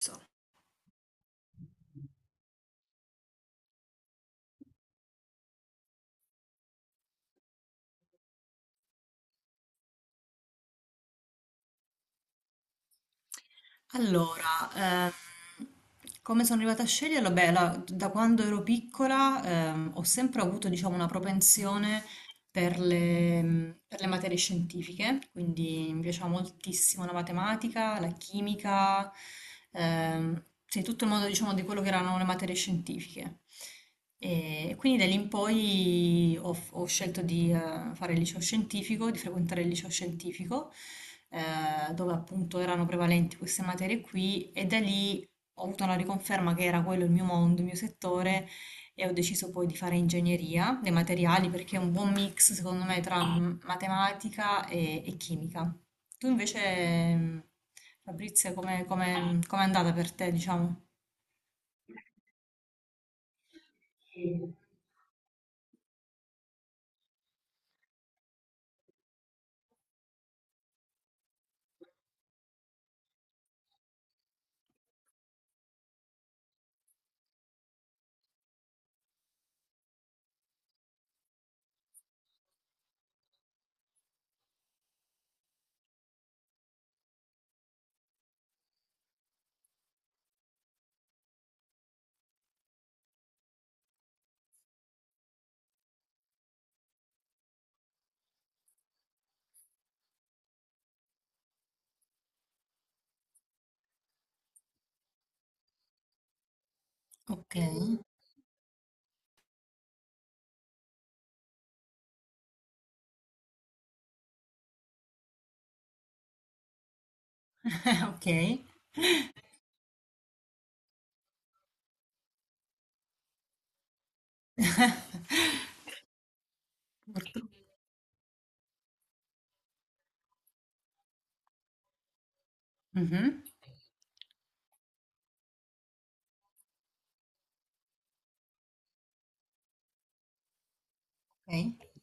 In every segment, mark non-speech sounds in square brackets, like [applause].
So. Allora, come sono arrivata a sceglierlo? Beh, da quando ero piccola, ho sempre avuto, diciamo, una propensione per per le materie scientifiche, quindi mi piaceva moltissimo la matematica, la chimica, sì, tutto il mondo, diciamo, di quello che erano le materie scientifiche. E quindi da lì in poi ho scelto di fare il liceo scientifico, di frequentare il liceo scientifico, dove appunto erano prevalenti queste materie qui, e da lì ho avuto una riconferma che era quello il mio mondo, il mio settore, e ho deciso poi di fare ingegneria dei materiali perché è un buon mix secondo me tra matematica e chimica. Tu invece, Fabrizia, com'è andata per te, diciamo? Ok, [laughs] ok, [laughs] purtroppo. Mhm, ok,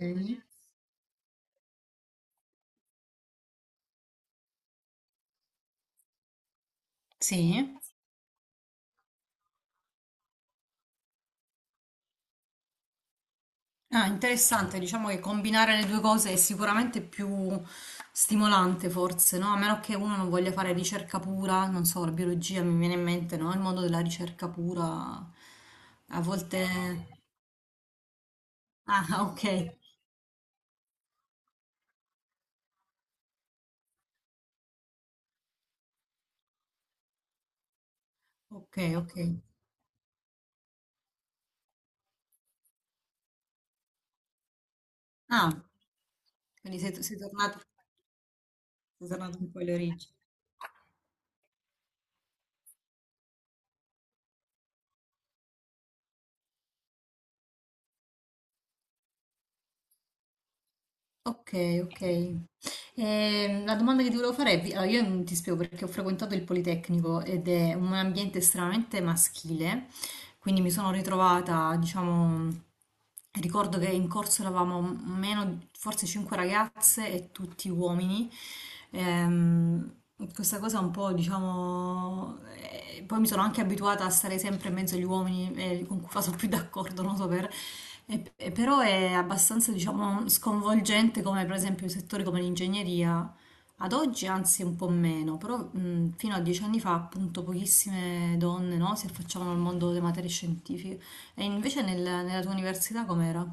ok. Sì. Ah, interessante, diciamo che combinare le due cose è sicuramente più stimolante forse, no? A meno che uno non voglia fare ricerca pura, non so, la biologia mi viene in mente, no? Il mondo della ricerca pura a volte... Ah, [laughs] ok, ok, ok. Ah, quindi sei tornato un po' alle origini. Ok, ok. La domanda che ti volevo fare è, allora, io non ti spiego perché ho frequentato il Politecnico ed è un ambiente estremamente maschile. Quindi mi sono ritrovata, diciamo, ricordo che in corso eravamo meno, forse cinque ragazze e tutti uomini. Ehm, questa cosa un po', diciamo, poi mi sono anche abituata a stare sempre in mezzo agli uomini, con cui vado più d'accordo, non so per... E però è abbastanza, diciamo, sconvolgente come per esempio settori come l'ingegneria, ad oggi anzi un po' meno, però fino a dieci anni fa appunto pochissime donne no, si affacciavano al mondo delle materie scientifiche. E invece nella tua università com'era?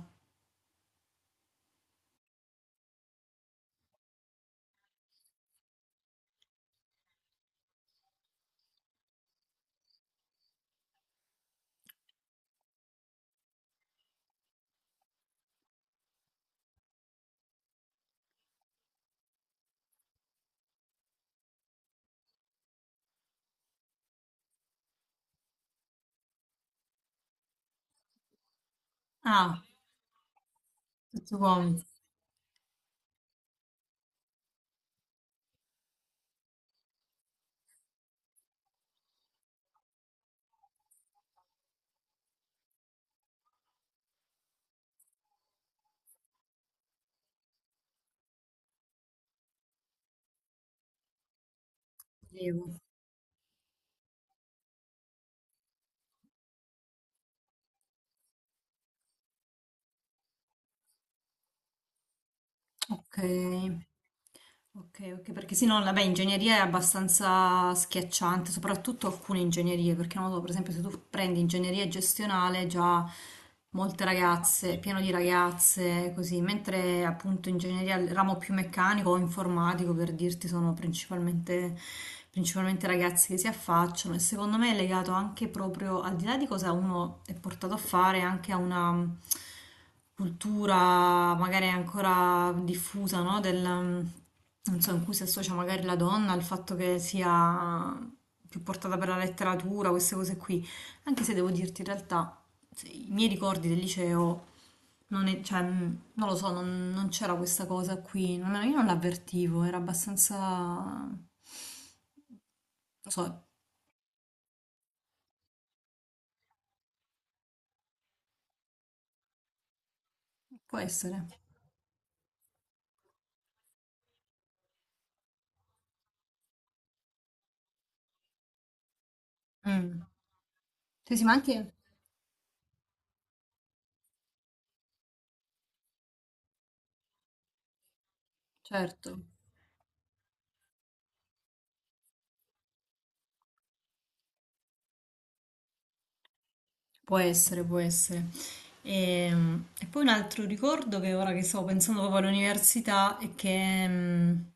Ah, tutti uomini. Scrivo. Ok. Ok, ok, perché sì, no, vabbè, ingegneria è abbastanza schiacciante, soprattutto alcune ingegnerie, perché non lo so, per esempio, se tu prendi ingegneria gestionale, già molte ragazze, pieno di ragazze, così, mentre appunto ingegneria, il ramo più meccanico o informatico, per dirti, sono principalmente, principalmente ragazzi che si affacciano e secondo me è legato anche proprio, al di là di cosa uno è portato a fare, anche a una cultura magari ancora diffusa, no? Del, non so, in cui si associa magari la donna al fatto che sia più portata per la letteratura, queste cose qui. Anche se devo dirti, in realtà, i miei ricordi del liceo, non è- cioè, non lo so, non c'era questa cosa qui, io non l'avvertivo, era abbastanza... non so, può essere. Mm. Sì, sì, ma anche... Certo. Può essere, può essere. E, poi un altro ricordo che ora che stavo pensando proprio all'università è che,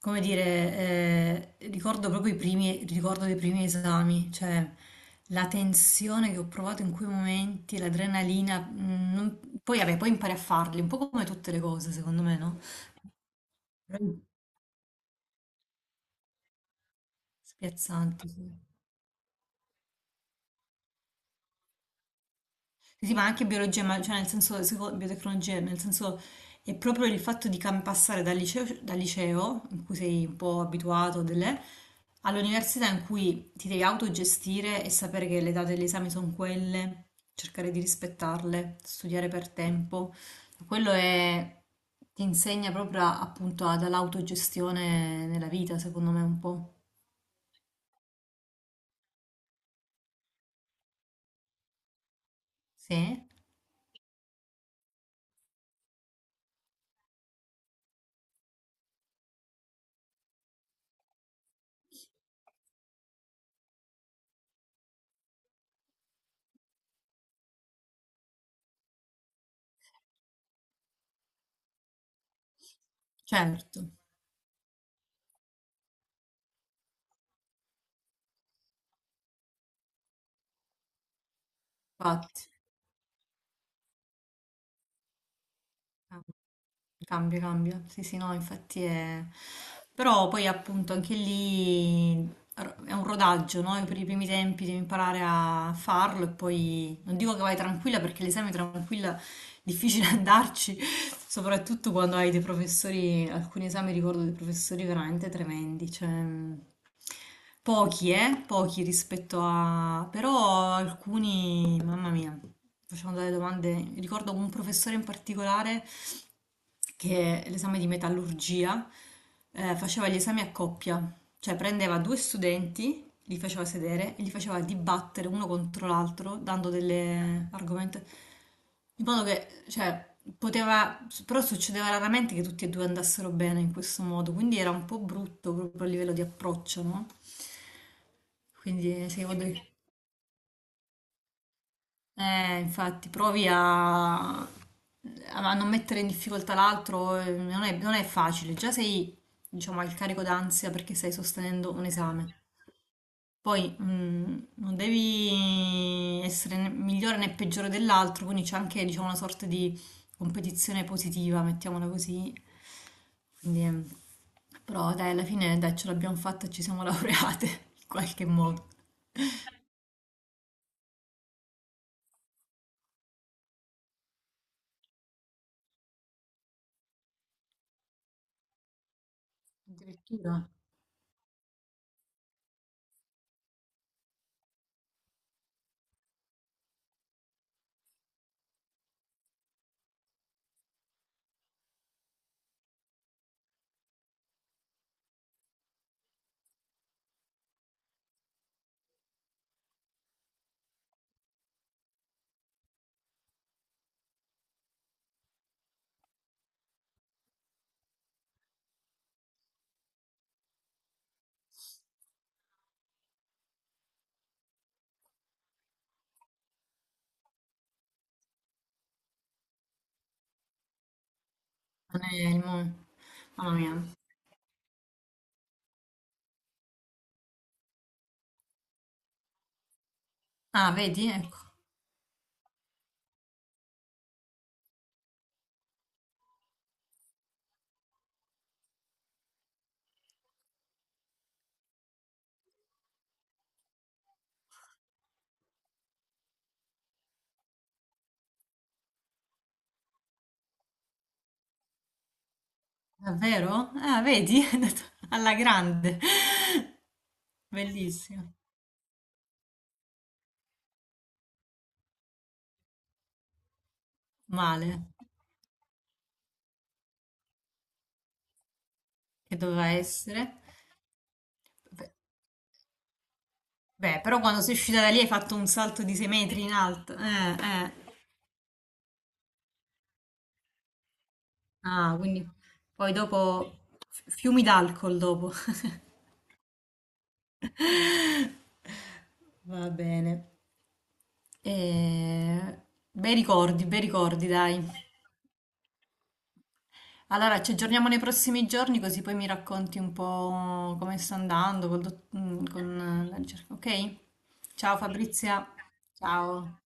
come dire, ricordo proprio i primi, ricordo dei primi esami, cioè la tensione che ho provato in quei momenti, l'adrenalina, poi vabbè, poi impari a farli, un po' come tutte le cose, secondo me, no? Spiazzanti. Sì. Sì, ma anche biologia, ma cioè nel senso, biotecnologia, nel senso è proprio il fatto di passare dal liceo, in cui sei un po' abituato, delle, all'università in cui ti devi autogestire e sapere che le date degli esami sono quelle, cercare di rispettarle, studiare per tempo. Quello è, ti insegna proprio appunto all'autogestione nella vita, secondo me un po'. Sì, certo, infatti. Ah, cambia, cambia. Sì, sì, no, infatti è... Però poi appunto anche lì è un rodaggio, no? Io per i primi tempi devi imparare a farlo e poi non dico che vai tranquilla perché l'esame tranquilla è difficile andarci, [laughs] soprattutto quando hai dei professori, alcuni esami ricordo dei professori veramente tremendi, cioè pochi, pochi rispetto a però alcuni, mamma mia, facevano delle domande, ricordo un professore in particolare che l'esame di metallurgia faceva gli esami a coppia, cioè prendeva due studenti, li faceva sedere e li faceva dibattere uno contro l'altro, dando delle argomenti. In modo che, cioè, poteva, però succedeva raramente che tutti e due andassero bene in questo modo, quindi era un po' brutto proprio a livello di approccio, no? Quindi, se io voglio- Eh, infatti, provi a non mettere in difficoltà l'altro, non è facile. Già sei, diciamo, al carico d'ansia perché stai sostenendo un esame. Poi non devi essere né migliore né peggiore dell'altro, quindi c'è anche, diciamo, una sorta di competizione positiva, mettiamola così. Quindi, però dai, alla fine dai, ce l'abbiamo fatta, e ci siamo laureate [laughs] in qualche modo. Addirittura, non è il mo- mamma mia. Ah, vedi? Ecco, davvero? Ah, vedi? [laughs] È andato alla grande. Bellissimo. Male, che doveva essere. Beh, però quando sei uscita da lì hai fatto un salto di 6 metri in alto. Eh. Ah, quindi poi dopo fiumi d'alcol dopo. [laughs] Va bene. Eh, Bei ricordi, bei ricordi, dai. Allora, ci aggiorniamo nei prossimi giorni così poi mi racconti un po' come sta andando col con la ricerca, ok? Ciao Fabrizia, ciao.